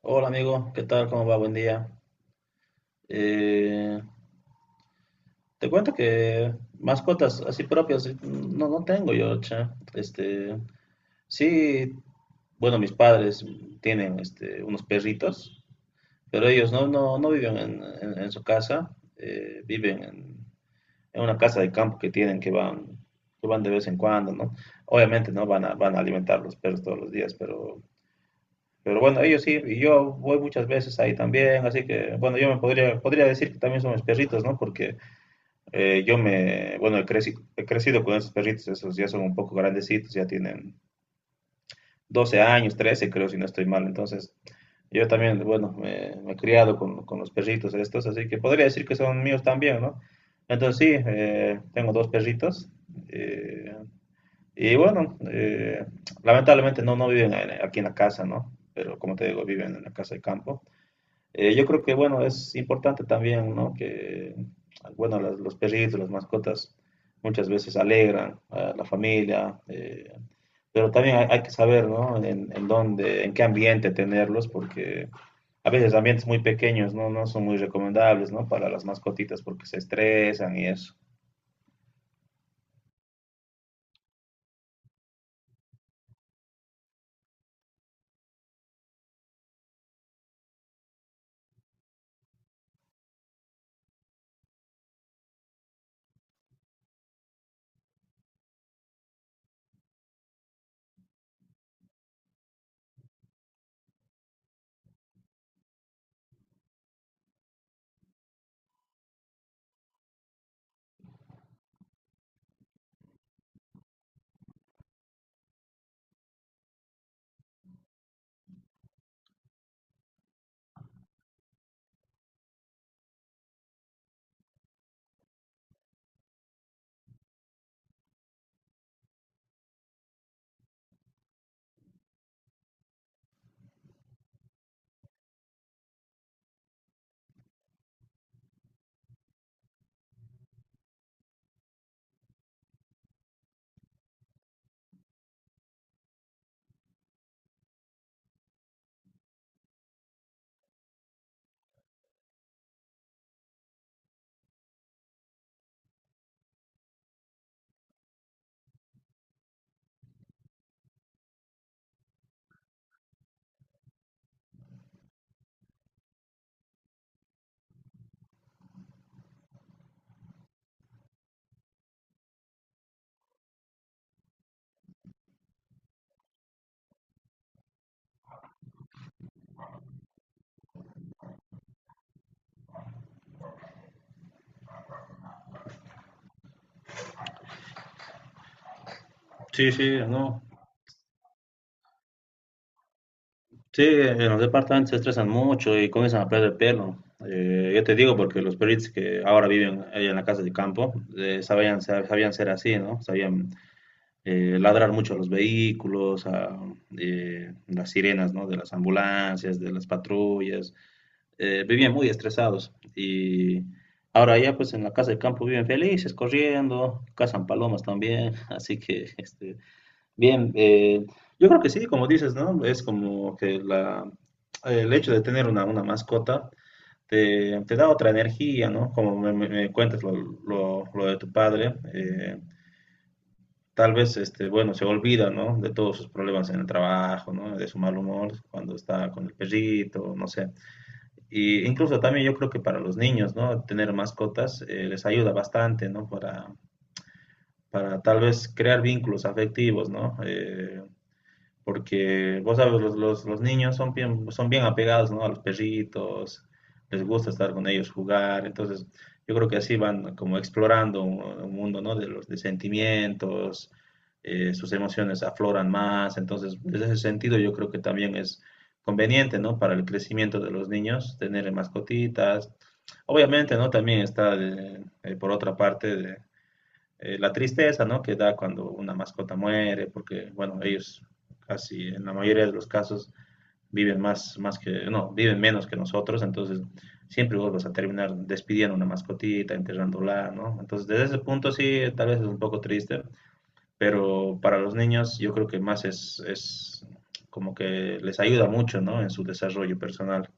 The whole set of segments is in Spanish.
Hola amigo, ¿qué tal? ¿Cómo va? Buen día. Eh, Te cuento que mascotas así propias no, no tengo yo, che. Este, sí, bueno, mis padres tienen este, unos perritos, pero ellos no, no, no viven en, su casa, viven en una casa de campo que tienen que van, de vez en cuando, ¿no? Obviamente no van a alimentar los perros todos los días, pero bueno, ellos sí, y yo voy muchas veces ahí también, así que bueno, yo me podría decir que también son mis perritos, ¿no? Porque bueno, he crecido con esos perritos, esos ya son un poco grandecitos, ya tienen 12 años, 13 creo, si no estoy mal. Entonces, yo también, bueno, me he criado con los perritos estos, así que podría decir que son míos también, ¿no? Entonces sí, tengo dos perritos. eh, y bueno, lamentablemente no, no viven aquí en la casa, ¿no? Pero como te digo, viven en la casa de campo. Yo creo que, bueno, es importante también, ¿no? Que, bueno, los perritos, las mascotas, muchas veces alegran a la familia, pero también hay, que saber, ¿no? En dónde, en qué ambiente tenerlos, porque a veces ambientes muy pequeños, ¿no? No son muy recomendables, ¿no? Para las mascotitas porque se estresan y eso. Sí, sí, no. Sí, en los departamentos se estresan mucho y comienzan a perder pelo. Yo te digo porque los perritos que ahora viven ahí en la casa de campo sabían ser así, ¿no? Sabían ladrar mucho a los vehículos, a las sirenas, ¿no? De las ambulancias, de las patrullas. Vivían muy estresados y ahora ya pues en la casa de campo viven felices, corriendo, cazan palomas también, así que este, bien, yo creo que sí, como dices, ¿no? Es como que el hecho de tener una, mascota te da otra energía, ¿no? Como me, me cuentas lo, lo de tu padre, tal vez, este, bueno, se olvida, ¿no? De todos sus problemas en el trabajo, ¿no? De su mal humor cuando está con el perrito, no sé. Y incluso también yo creo que para los niños, ¿no? Tener mascotas les ayuda bastante, ¿no? Para, tal vez crear vínculos afectivos, ¿no? Porque vos sabes, los niños son bien apegados, ¿no? a los perritos, les gusta estar con ellos, jugar, entonces yo creo que así van como explorando un mundo, ¿no? de los de sentimientos, sus emociones afloran más, entonces desde ese sentido yo creo que también es conveniente, ¿no? para el crecimiento de los niños tener mascotitas. Obviamente, ¿no? también está por otra parte de la tristeza, ¿no? Que da cuando una mascota muere, porque, bueno, ellos casi en la mayoría de los casos viven más que, no, viven menos que nosotros, entonces siempre vos vas a terminar despidiendo una mascotita, enterrándola, ¿no? Entonces, desde ese punto sí, tal vez es un poco triste, pero para los niños yo creo que más es como que les ayuda mucho, ¿no? En su desarrollo personal.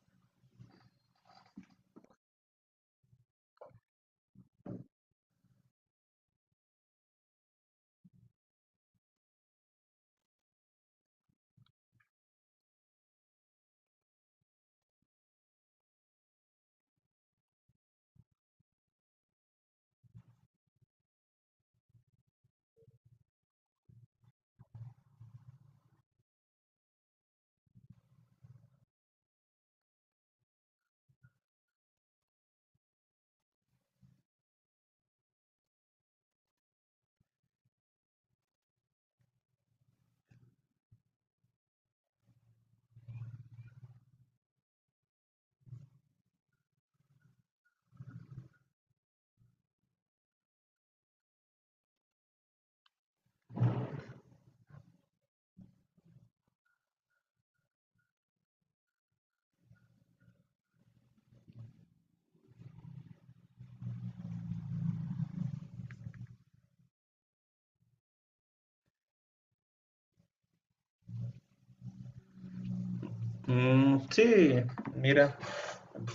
Mm, sí, mira,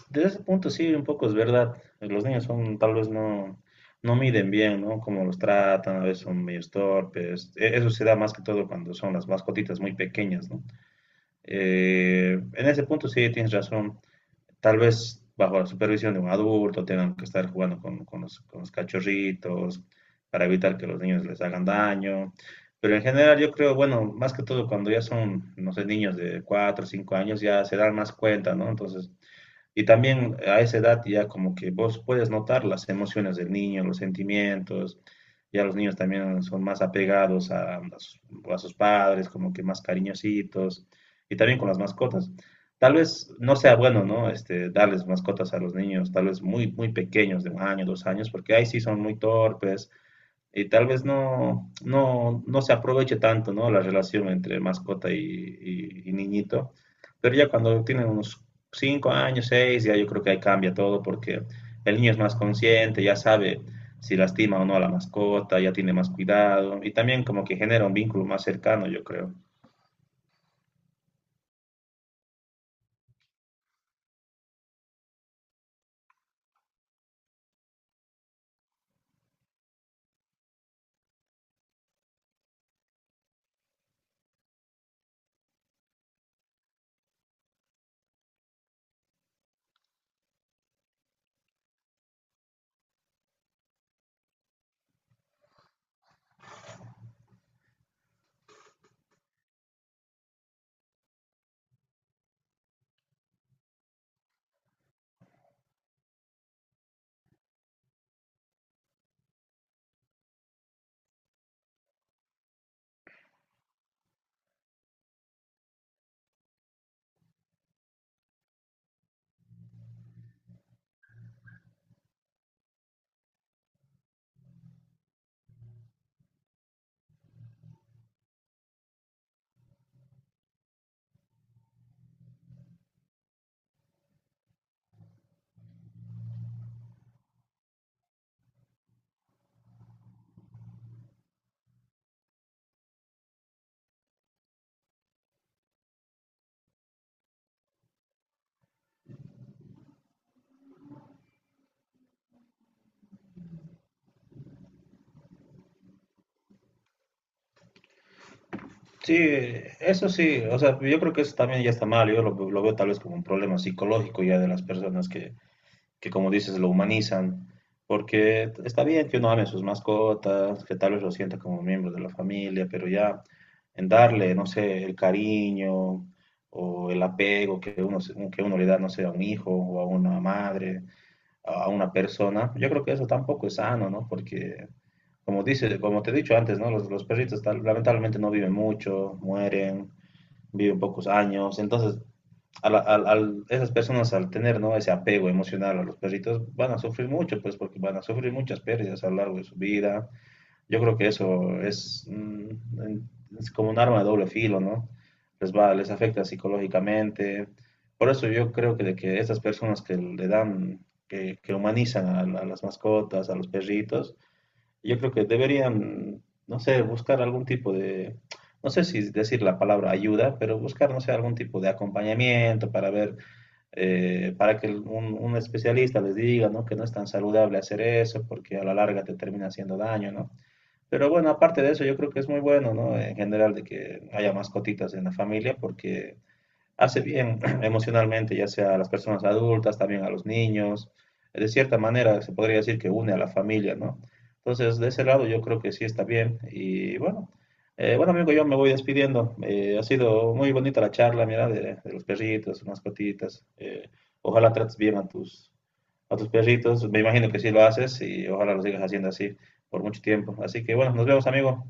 desde ese punto sí, un poco es verdad. Los niños son, tal vez no, no miden bien, ¿no? Cómo los tratan, a veces son medio torpes. Eso se da más que todo cuando son las mascotitas muy pequeñas, ¿no? En ese punto sí, tienes razón, tal vez bajo la supervisión de un adulto tengan que estar jugando con, con los cachorritos para evitar que los niños les hagan daño. Pero en general yo creo, bueno, más que todo cuando ya son, no sé, niños de 4 o 5 años ya se dan más cuenta, ¿no? Entonces y también a esa edad ya como que vos puedes notar las emociones del niño, los sentimientos, ya los niños también son más apegados a sus padres, como que más cariñositos, y también con las mascotas. Tal vez no sea bueno, ¿no? Este, darles mascotas a los niños, tal vez muy, muy pequeños, de 1 año, 2 años, porque ahí sí son muy torpes, y tal vez no, no, no se aproveche tanto, ¿no? La relación entre mascota y, y niñito. Pero ya cuando tienen unos 5 años, 6, ya yo creo que ahí cambia todo porque el niño es más consciente, ya sabe si lastima o no a la mascota, ya tiene más cuidado y también como que genera un vínculo más cercano, yo creo. Sí, eso sí, o sea, yo creo que eso también ya está mal, yo lo veo tal vez como un problema psicológico ya de las personas que como dices lo humanizan, porque está bien que uno ame a sus mascotas, que tal vez lo sienta como miembro de la familia, pero ya en darle, no sé, el cariño o el apego que uno, que uno le da, no sé, a un hijo o a una madre, a una persona, yo creo que eso tampoco es sano, ¿no? Porque, como dice, como te he dicho antes, ¿no? Los perritos lamentablemente no viven mucho, mueren, viven pocos años, entonces a, la- al- al- esas personas al tener, ¿no? ese apego emocional a los perritos van a sufrir mucho, pues porque van a sufrir muchas pérdidas a lo largo de su vida. Yo creo que eso es, es como un arma de doble filo, ¿no? Les afecta psicológicamente. Por eso yo creo que de que estas personas que le dan, que humanizan a las mascotas, a los perritos, yo creo que deberían, no sé, buscar algún tipo de, no sé si decir la palabra ayuda, pero buscar, no sé, algún tipo de acompañamiento para ver para que un especialista les diga, ¿no? Que no es tan saludable hacer eso porque a la larga te termina haciendo daño, ¿no? Pero bueno, aparte de eso, yo creo que es muy bueno, ¿no? En general, de que haya mascotitas en la familia porque hace bien emocionalmente, ya sea a las personas adultas, también a los niños. De cierta manera se podría decir que une a la familia, ¿no? Entonces, de ese lado yo creo que sí está bien. Y bueno, bueno amigo, yo me voy despidiendo. Ha sido muy bonita la charla, mira, de, los perritos, mascotitas. Ojalá trates bien a tus perritos. Me imagino que sí lo haces y ojalá lo sigas haciendo así por mucho tiempo. Así que bueno, nos vemos, amigo.